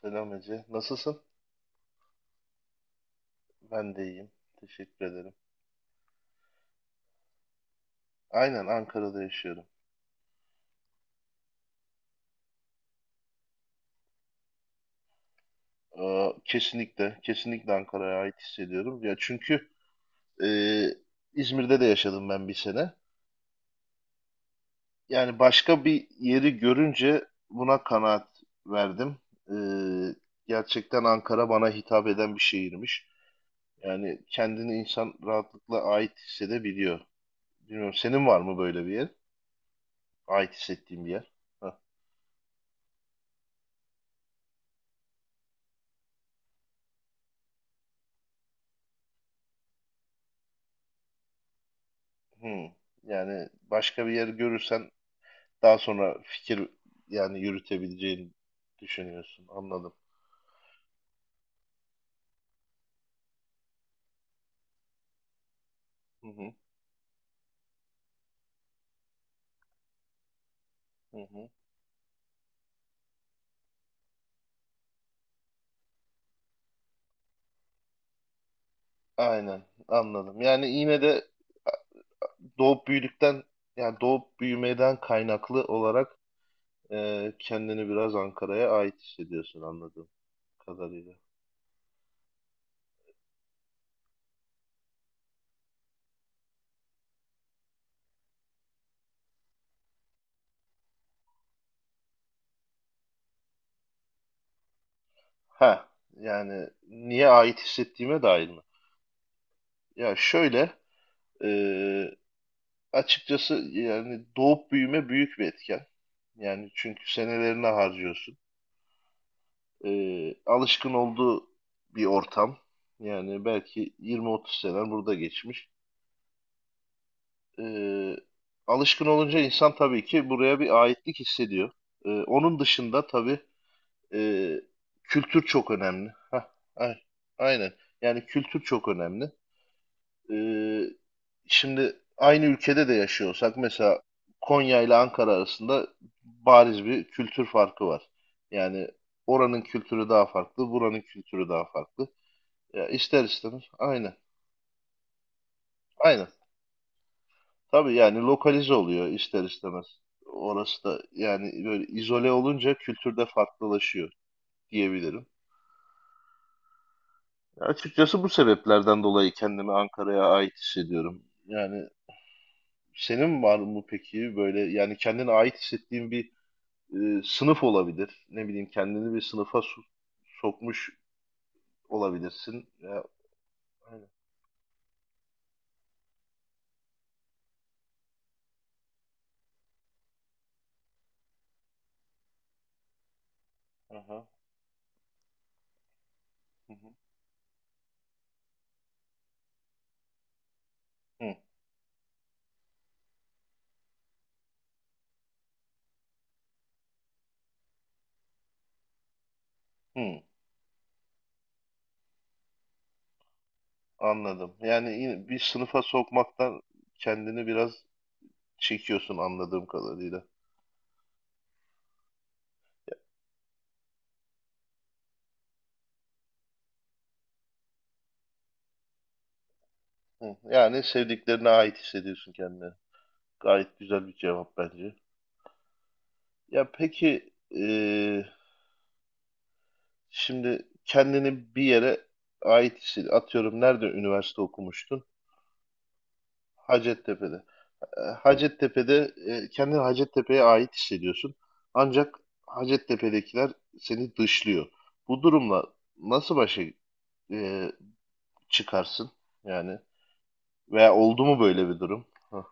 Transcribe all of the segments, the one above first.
Selam Ece. Nasılsın? Ben de iyiyim. Teşekkür ederim. Aynen Ankara'da yaşıyorum. Kesinlikle, kesinlikle Ankara'ya ait hissediyorum. Ya çünkü e, İzmir'de de yaşadım ben bir sene. Yani başka bir yeri görünce buna kanaat verdim. Ee, Gerçekten Ankara bana hitap eden bir şehirmiş. Yani kendini insan rahatlıkla ait hissedebiliyor. Bilmiyorum, senin var mı böyle bir yer? Ait hissettiğin bir yer? Hah. Hmm. Yani başka bir yer görürsen daha sonra fikir, yani yürütebileceğini düşünüyorsun. Anladım. Hı hı, hı hı. Aynen, anladım. Yani yine de doğup büyüdükten yani doğup büyümeden kaynaklı olarak kendini biraz Ankara'ya ait hissediyorsun, anladığım kadarıyla. Ha, yani niye ait hissettiğime dair mi? Ya şöyle, e, açıkçası yani doğup büyüme büyük bir etken. Yani çünkü senelerini harcıyorsun. Alışkın olduğu bir ortam. Yani belki 20-30 sene burada geçmiş. E, Alışkın olunca insan tabii ki buraya bir aitlik hissediyor. Onun dışında tabii e, kültür çok önemli. Hah, a- aynen. Yani kültür çok önemli. E, Şimdi aynı ülkede de yaşıyorsak mesela Konya ile Ankara arasında bariz bir kültür farkı var. Yani oranın kültürü daha farklı, buranın kültürü daha farklı. Ya ister istemez. Aynen. Aynen. Tabii yani lokalize oluyor ister istemez. Orası da yani böyle izole olunca kültürde farklılaşıyor diyebilirim. Ya açıkçası bu sebeplerden dolayı kendimi Ankara'ya ait hissediyorum. Yani senin var mı peki böyle, yani kendine ait hissettiğin bir sınıf olabilir. Ne bileyim, kendini bir sınıfa sokmuş olabilirsin. Ya, aynen. Aha. Hı hı. Hı, hı. Anladım. Yani yine bir sınıfa sokmaktan kendini biraz çekiyorsun, anladığım kadarıyla. Hı. Yani sevdiklerine ait hissediyorsun kendini. Gayet güzel bir cevap bence. Ya peki, şimdi kendini bir yere ait hissediyorsun. Atıyorum, nerede üniversite okumuştun? Hacettepe'de. Hacettepe'de kendini Hacettepe'ye ait hissediyorsun. Ancak Hacettepe'dekiler seni dışlıyor. Bu durumla nasıl başa e, çıkarsın yani? Veya oldu mu böyle bir durum? Hı.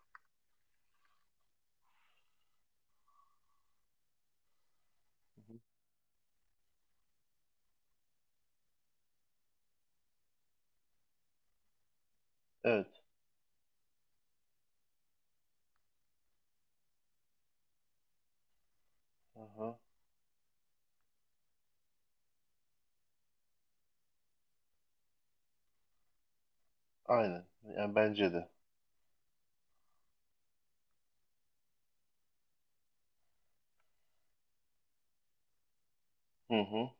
Evet. Aha. Aynen. Yani bence de. Hı hı.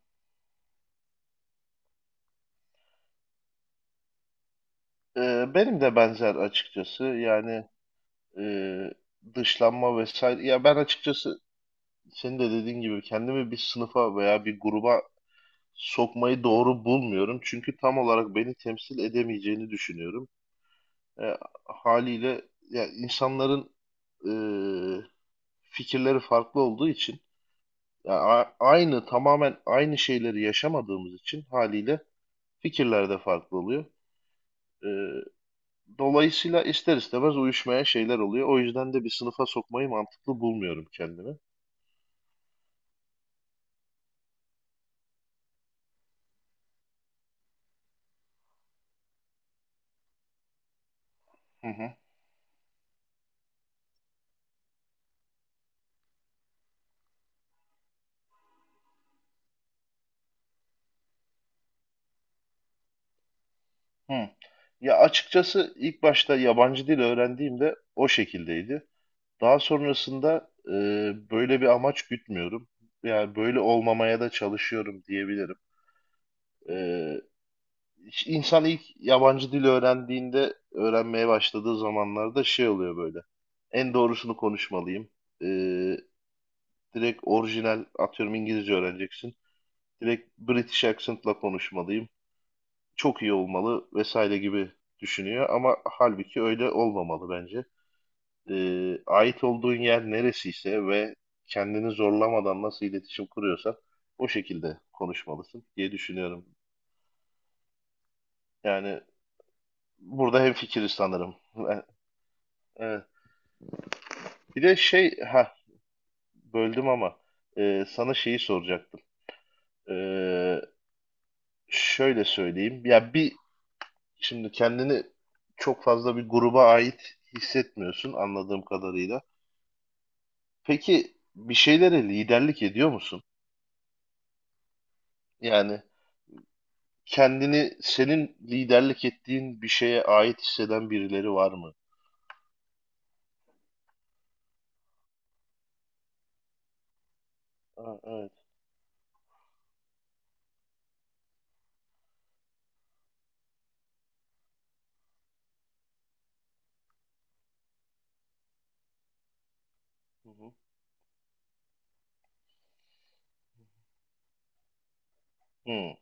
Benim de benzer, açıkçası. Yani e, dışlanma vesaire. Ya ben açıkçası senin de dediğin gibi kendimi bir sınıfa veya bir gruba sokmayı doğru bulmuyorum. Çünkü tam olarak beni temsil edemeyeceğini düşünüyorum. E, Haliyle ya insanların e, fikirleri farklı olduğu için, ya aynı, tamamen aynı şeyleri yaşamadığımız için haliyle fikirler de farklı oluyor. Ee, Dolayısıyla ister istemez uyuşmayan şeyler oluyor. O yüzden de bir sınıfa sokmayı mantıklı bulmuyorum kendimi. Hı hı. Hı. Ya açıkçası ilk başta yabancı dil öğrendiğimde o şekildeydi. Daha sonrasında böyle bir amaç gütmüyorum. Yani böyle olmamaya da çalışıyorum diyebilirim. E, İşte İnsan ilk yabancı dil öğrendiğinde, öğrenmeye başladığı zamanlarda şey oluyor böyle. En doğrusunu konuşmalıyım. Ee, Direkt orijinal, atıyorum İngilizce öğreneceksin. Direkt British accent'la konuşmalıyım. Çok iyi olmalı vesaire gibi düşünüyor ama halbuki öyle olmamalı bence. Ait olduğun yer neresiyse ve kendini zorlamadan nasıl iletişim kuruyorsan o şekilde konuşmalısın diye düşünüyorum. Yani burada hemfikiriz sanırım. Evet. Bir de şey, ha, böldüm ama sana şeyi soracaktım. E, Şöyle söyleyeyim. Ya şimdi kendini çok fazla bir gruba ait hissetmiyorsun, anladığım kadarıyla. Peki bir şeylere liderlik ediyor musun? Yani kendini senin liderlik ettiğin bir şeye ait hisseden birileri var mı? Ha, evet. Hı hı. Hı,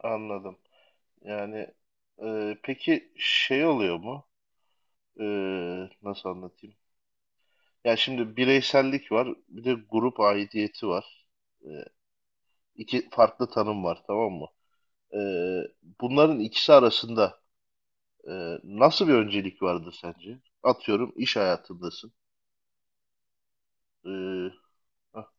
anladım. Yani peki şey oluyor mu? E, Nasıl anlatayım? Ya şimdi bireysellik var, bir de grup aidiyeti var. Ee, iki farklı tanım var, tamam mı? Ee, Bunların ikisi arasında e, nasıl bir öncelik vardır sence? Atıyorum, iş hayatındasın. Ee, Hah,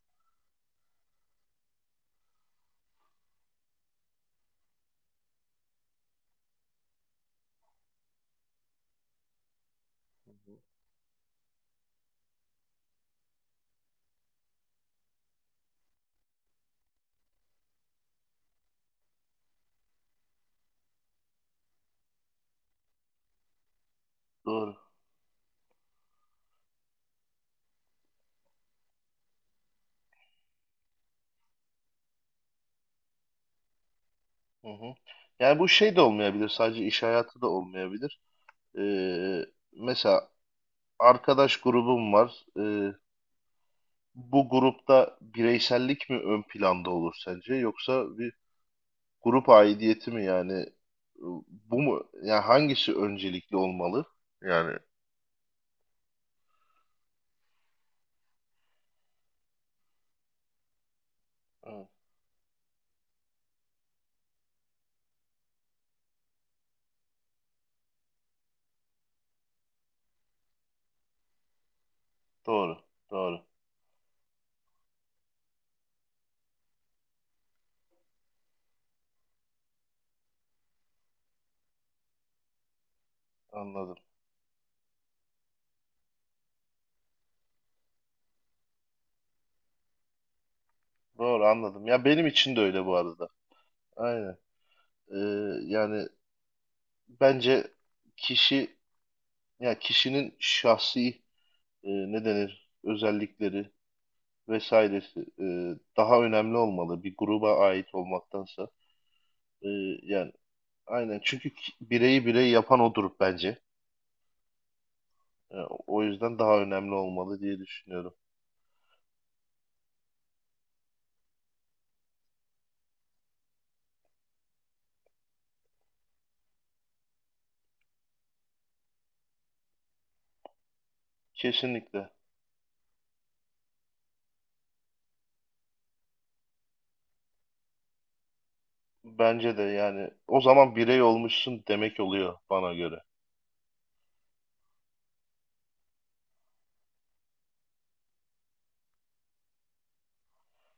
doğru. Hı hı. Yani bu şey de olmayabilir, sadece iş hayatı da olmayabilir. Ee, Mesela arkadaş grubum var. Bu grupta bireysellik mi ön planda olur sence, yoksa bir grup aidiyeti mi, yani bu mu? Yani hangisi öncelikli olmalı? Yani evet, doğru, doğru. Anladım. Doğru, anladım. Ya benim için de öyle, bu arada. Aynen. Ee, Yani bence kişi, ya kişinin şahsi, ne denir, özellikleri vesairesi daha önemli olmalı bir gruba ait olmaktansa. E, Yani aynen, çünkü bireyi birey yapan odur bence. E, O yüzden daha önemli olmalı diye düşünüyorum. Kesinlikle. Bence de, yani o zaman birey olmuşsun demek oluyor bana göre.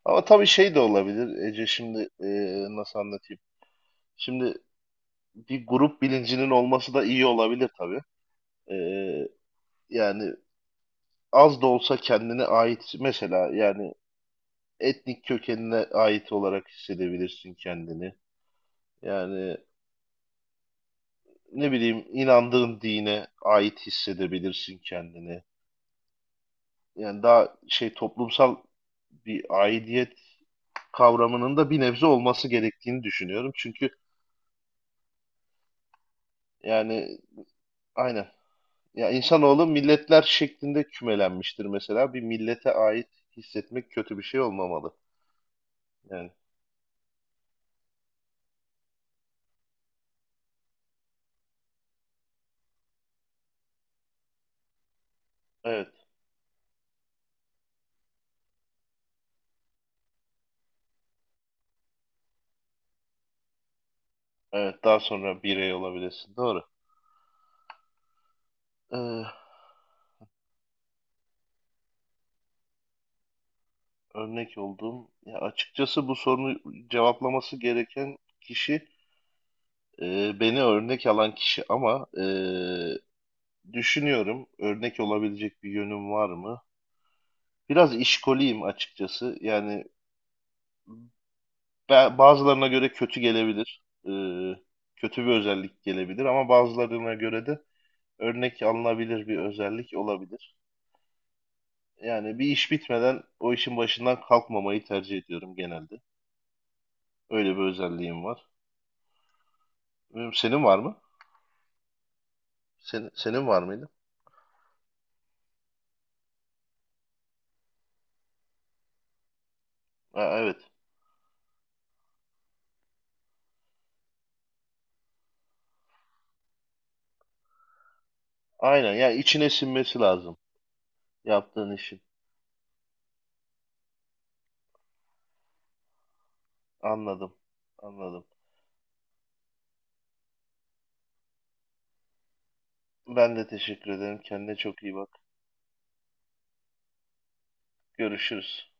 Ama tabii şey de olabilir Ece, şimdi nasıl anlatayım? Şimdi bir grup bilincinin olması da iyi olabilir tabii. E, Yani az da olsa kendine ait, mesela yani etnik kökenine ait olarak hissedebilirsin kendini. Yani ne bileyim, inandığın dine ait hissedebilirsin kendini. Yani daha şey, toplumsal bir aidiyet kavramının da bir nebze olması gerektiğini düşünüyorum. Çünkü yani aynen. Ya insanoğlu milletler şeklinde kümelenmiştir mesela. Bir millete ait hissetmek kötü bir şey olmamalı. Yani evet, evet, daha sonra birey olabilirsin. Doğru. Ee, Örnek olduğum, ya açıkçası bu sorunu cevaplaması gereken kişi beni örnek alan kişi ama düşünüyorum, örnek olabilecek bir yönüm var mı? Biraz işkoliyim açıkçası. Yani bazılarına göre kötü gelebilir. Ee, Kötü bir özellik gelebilir ama bazılarına göre de örnek alınabilir bir özellik olabilir. Yani bir iş bitmeden o işin başından kalkmamayı tercih ediyorum genelde. Öyle bir özelliğim var. Bilmiyorum, senin var mı? Senin var mıydı? Ha, evet. Aynen. Ya içine sinmesi lazım yaptığın işin. Anladım. Anladım. Ben de teşekkür ederim. Kendine çok iyi bak. Görüşürüz.